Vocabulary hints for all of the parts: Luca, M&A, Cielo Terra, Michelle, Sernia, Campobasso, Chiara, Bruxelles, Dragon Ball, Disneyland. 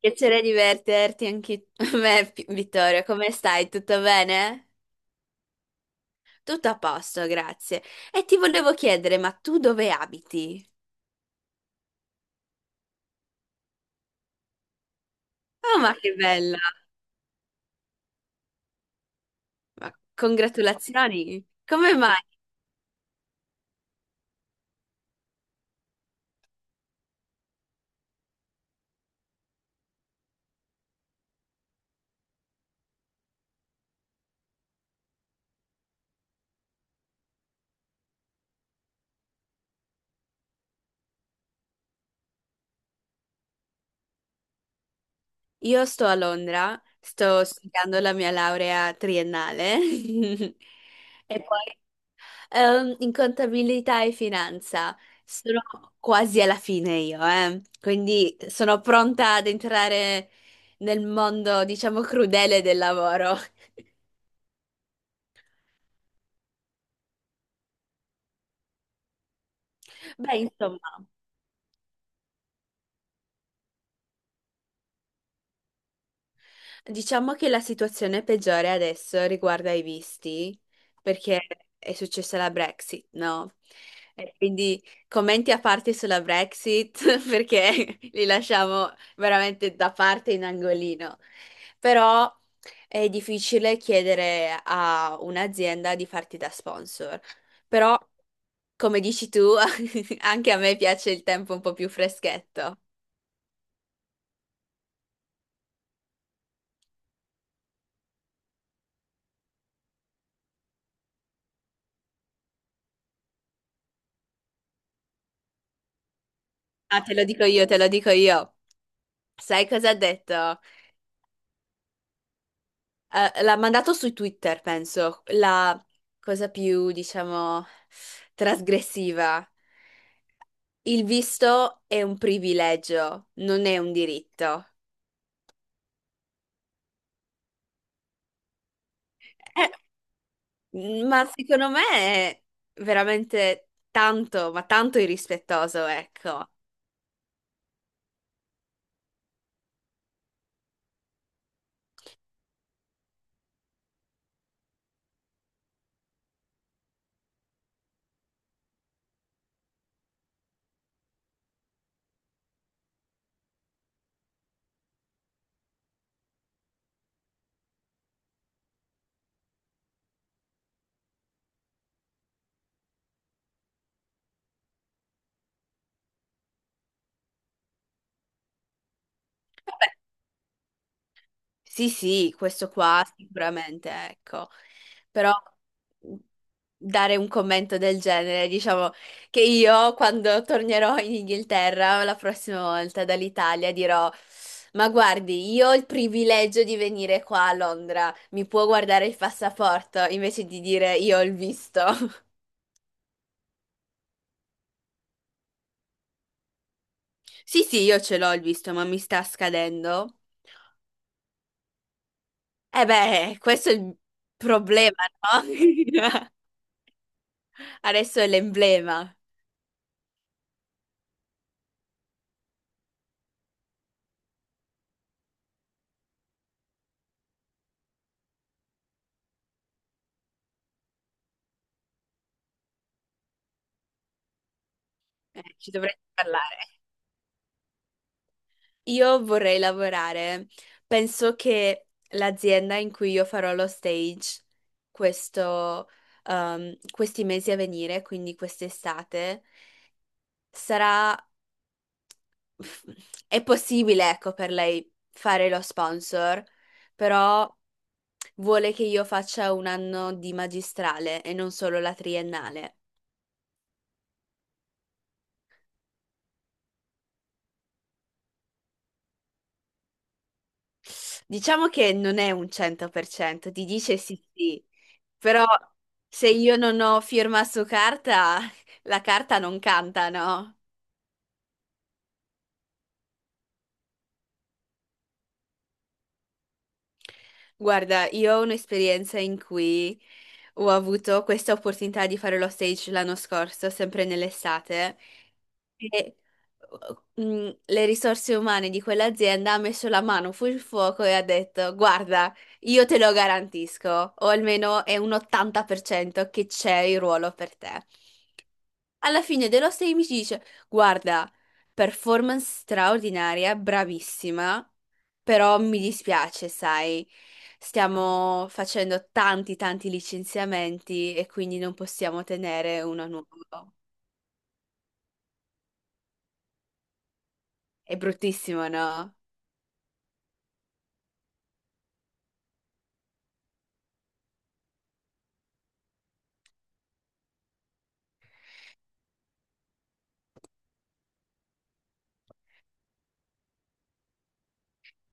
Piacere divertirti anche a me, Pi- Vittorio. Come stai? Tutto bene? Tutto a posto, grazie. E ti volevo chiedere, ma tu dove abiti? Oh, ma che bella! Ma congratulazioni! Come mai? Io sto a Londra, sto studiando la mia laurea triennale e poi in contabilità e finanza sono quasi alla fine io, eh. Quindi sono pronta ad entrare nel mondo, diciamo, crudele del lavoro. Beh, insomma. Diciamo che la situazione peggiore adesso riguarda i visti, perché è successa la Brexit, no? E quindi commenti a parte sulla Brexit, perché li lasciamo veramente da parte in angolino. Però è difficile chiedere a un'azienda di farti da sponsor. Però, come dici tu, anche a me piace il tempo un po' più freschetto. Ah, te lo dico io, te lo dico io. Sai cosa ha detto? L'ha mandato su Twitter, penso, la cosa più, diciamo, trasgressiva. Il visto è un privilegio, non è un diritto. Eh, Ma secondo me è veramente tanto, ma tanto irrispettoso, ecco. Sì, sì, questo qua sicuramente, ecco. Però mh, dare un commento del genere, diciamo che io quando tornerò in Inghilterra la prossima volta dall'Italia dirò, ma guardi, io ho il privilegio di venire qua a Londra, mi può guardare il passaporto invece di dire io ho il visto. Sì, sì, io ce l'ho il visto, ma mi sta scadendo. E beh, questo è il problema, no? Adesso è l'emblema. Ci dovrei parlare. Io vorrei lavorare. Penso che l'azienda in cui io farò lo stage questo, questi mesi a venire, quindi quest'estate, sarà... È possibile, ecco, per lei fare lo sponsor, però vuole che io faccia un anno di magistrale e non solo la triennale. Diciamo che non è un 100%, ti dice sì sì, però se io non ho firma su carta, la carta non canta, no? Guarda, io ho un'esperienza in cui ho avuto questa opportunità di fare lo stage l'anno scorso, sempre nell'estate, e le risorse umane di quell'azienda ha messo la mano sul fuoco e ha detto: Guarda, io te lo garantisco, o almeno è un 80% che c'è il ruolo per te. Alla fine dello stay mi dice: Guarda, performance straordinaria, bravissima, però mi dispiace, sai, stiamo facendo tanti, tanti licenziamenti e quindi non possiamo tenere uno nuovo. È bruttissimo, no?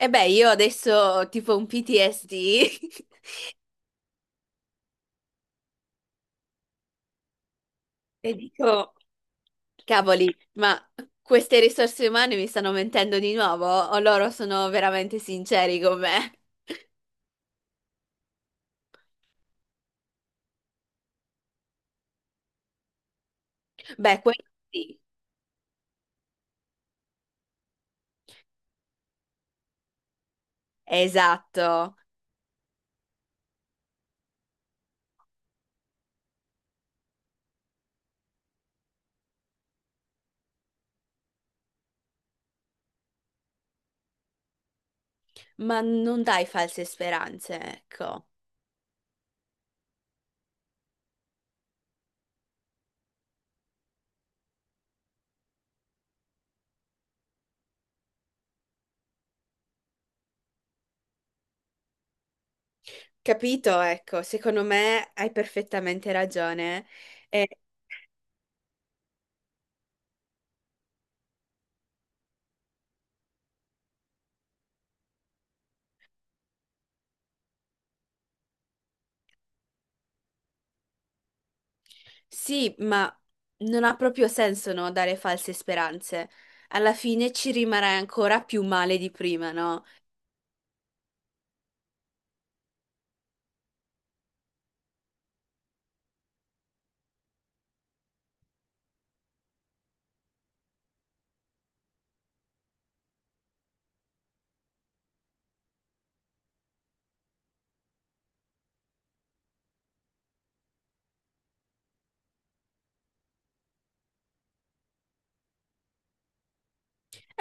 E beh, io adesso ho tipo un PTSD e dico: Cavoli, ma queste risorse umane mi stanno mentendo di nuovo o loro sono veramente sinceri con me? Beh, questo sì. Esatto, ma non dai false speranze, ecco. Capito? Ecco, secondo me hai perfettamente ragione. Eh, sì, ma non ha proprio senso, no, dare false speranze. Alla fine ci rimarrai ancora più male di prima, no?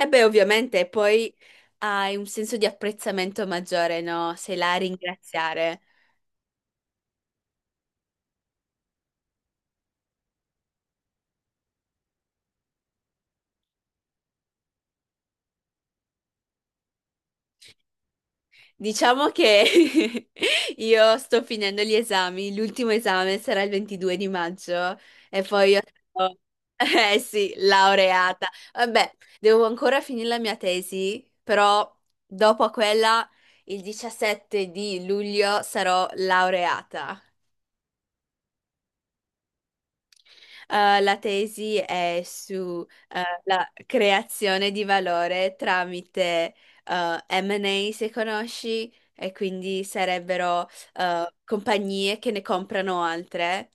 E beh, ovviamente poi hai un senso di apprezzamento maggiore, no? Sei là a ringraziare. Diciamo che io sto finendo gli esami, l'ultimo esame sarà il 22 di maggio e poi io sarò- eh sì, laureata. Vabbè, devo ancora finire la mia tesi, però dopo quella, il 17 di luglio, sarò laureata. La tesi è su la creazione di valore tramite M&A, se conosci, e quindi sarebbero compagnie che ne comprano altre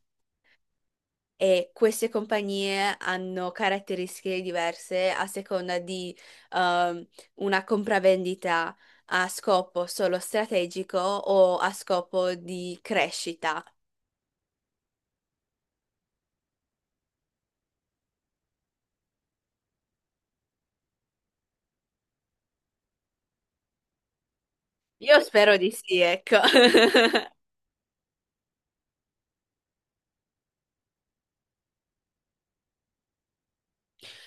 e queste compagnie hanno caratteristiche diverse a seconda di ehm, una compravendita a scopo solo strategico o a scopo di crescita. Io spero di sì, ecco.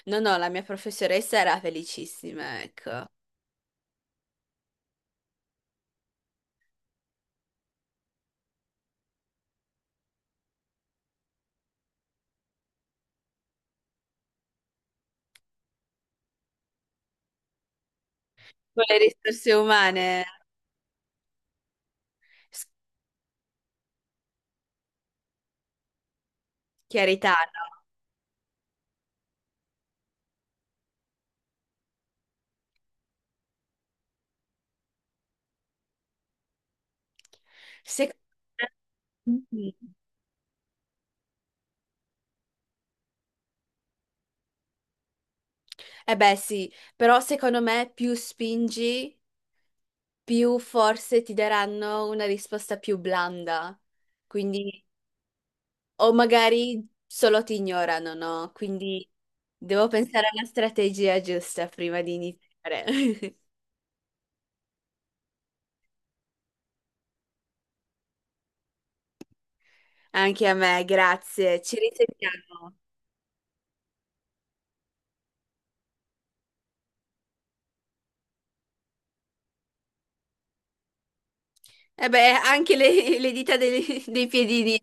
No, no, la mia professoressa era felicissima, ecco. Con le risorse umane, s- chiarità, no? Secondo me... Eh beh, sì, però secondo me più spingi, più forse ti daranno una risposta più blanda. Quindi, o magari solo ti ignorano, no? Quindi devo pensare alla strategia giusta prima di iniziare. Anche a me, grazie. Ci risentiamo. E beh, anche le dita dei, dei piedini.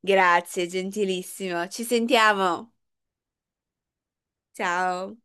Grazie, gentilissimo. Ci sentiamo. Ciao.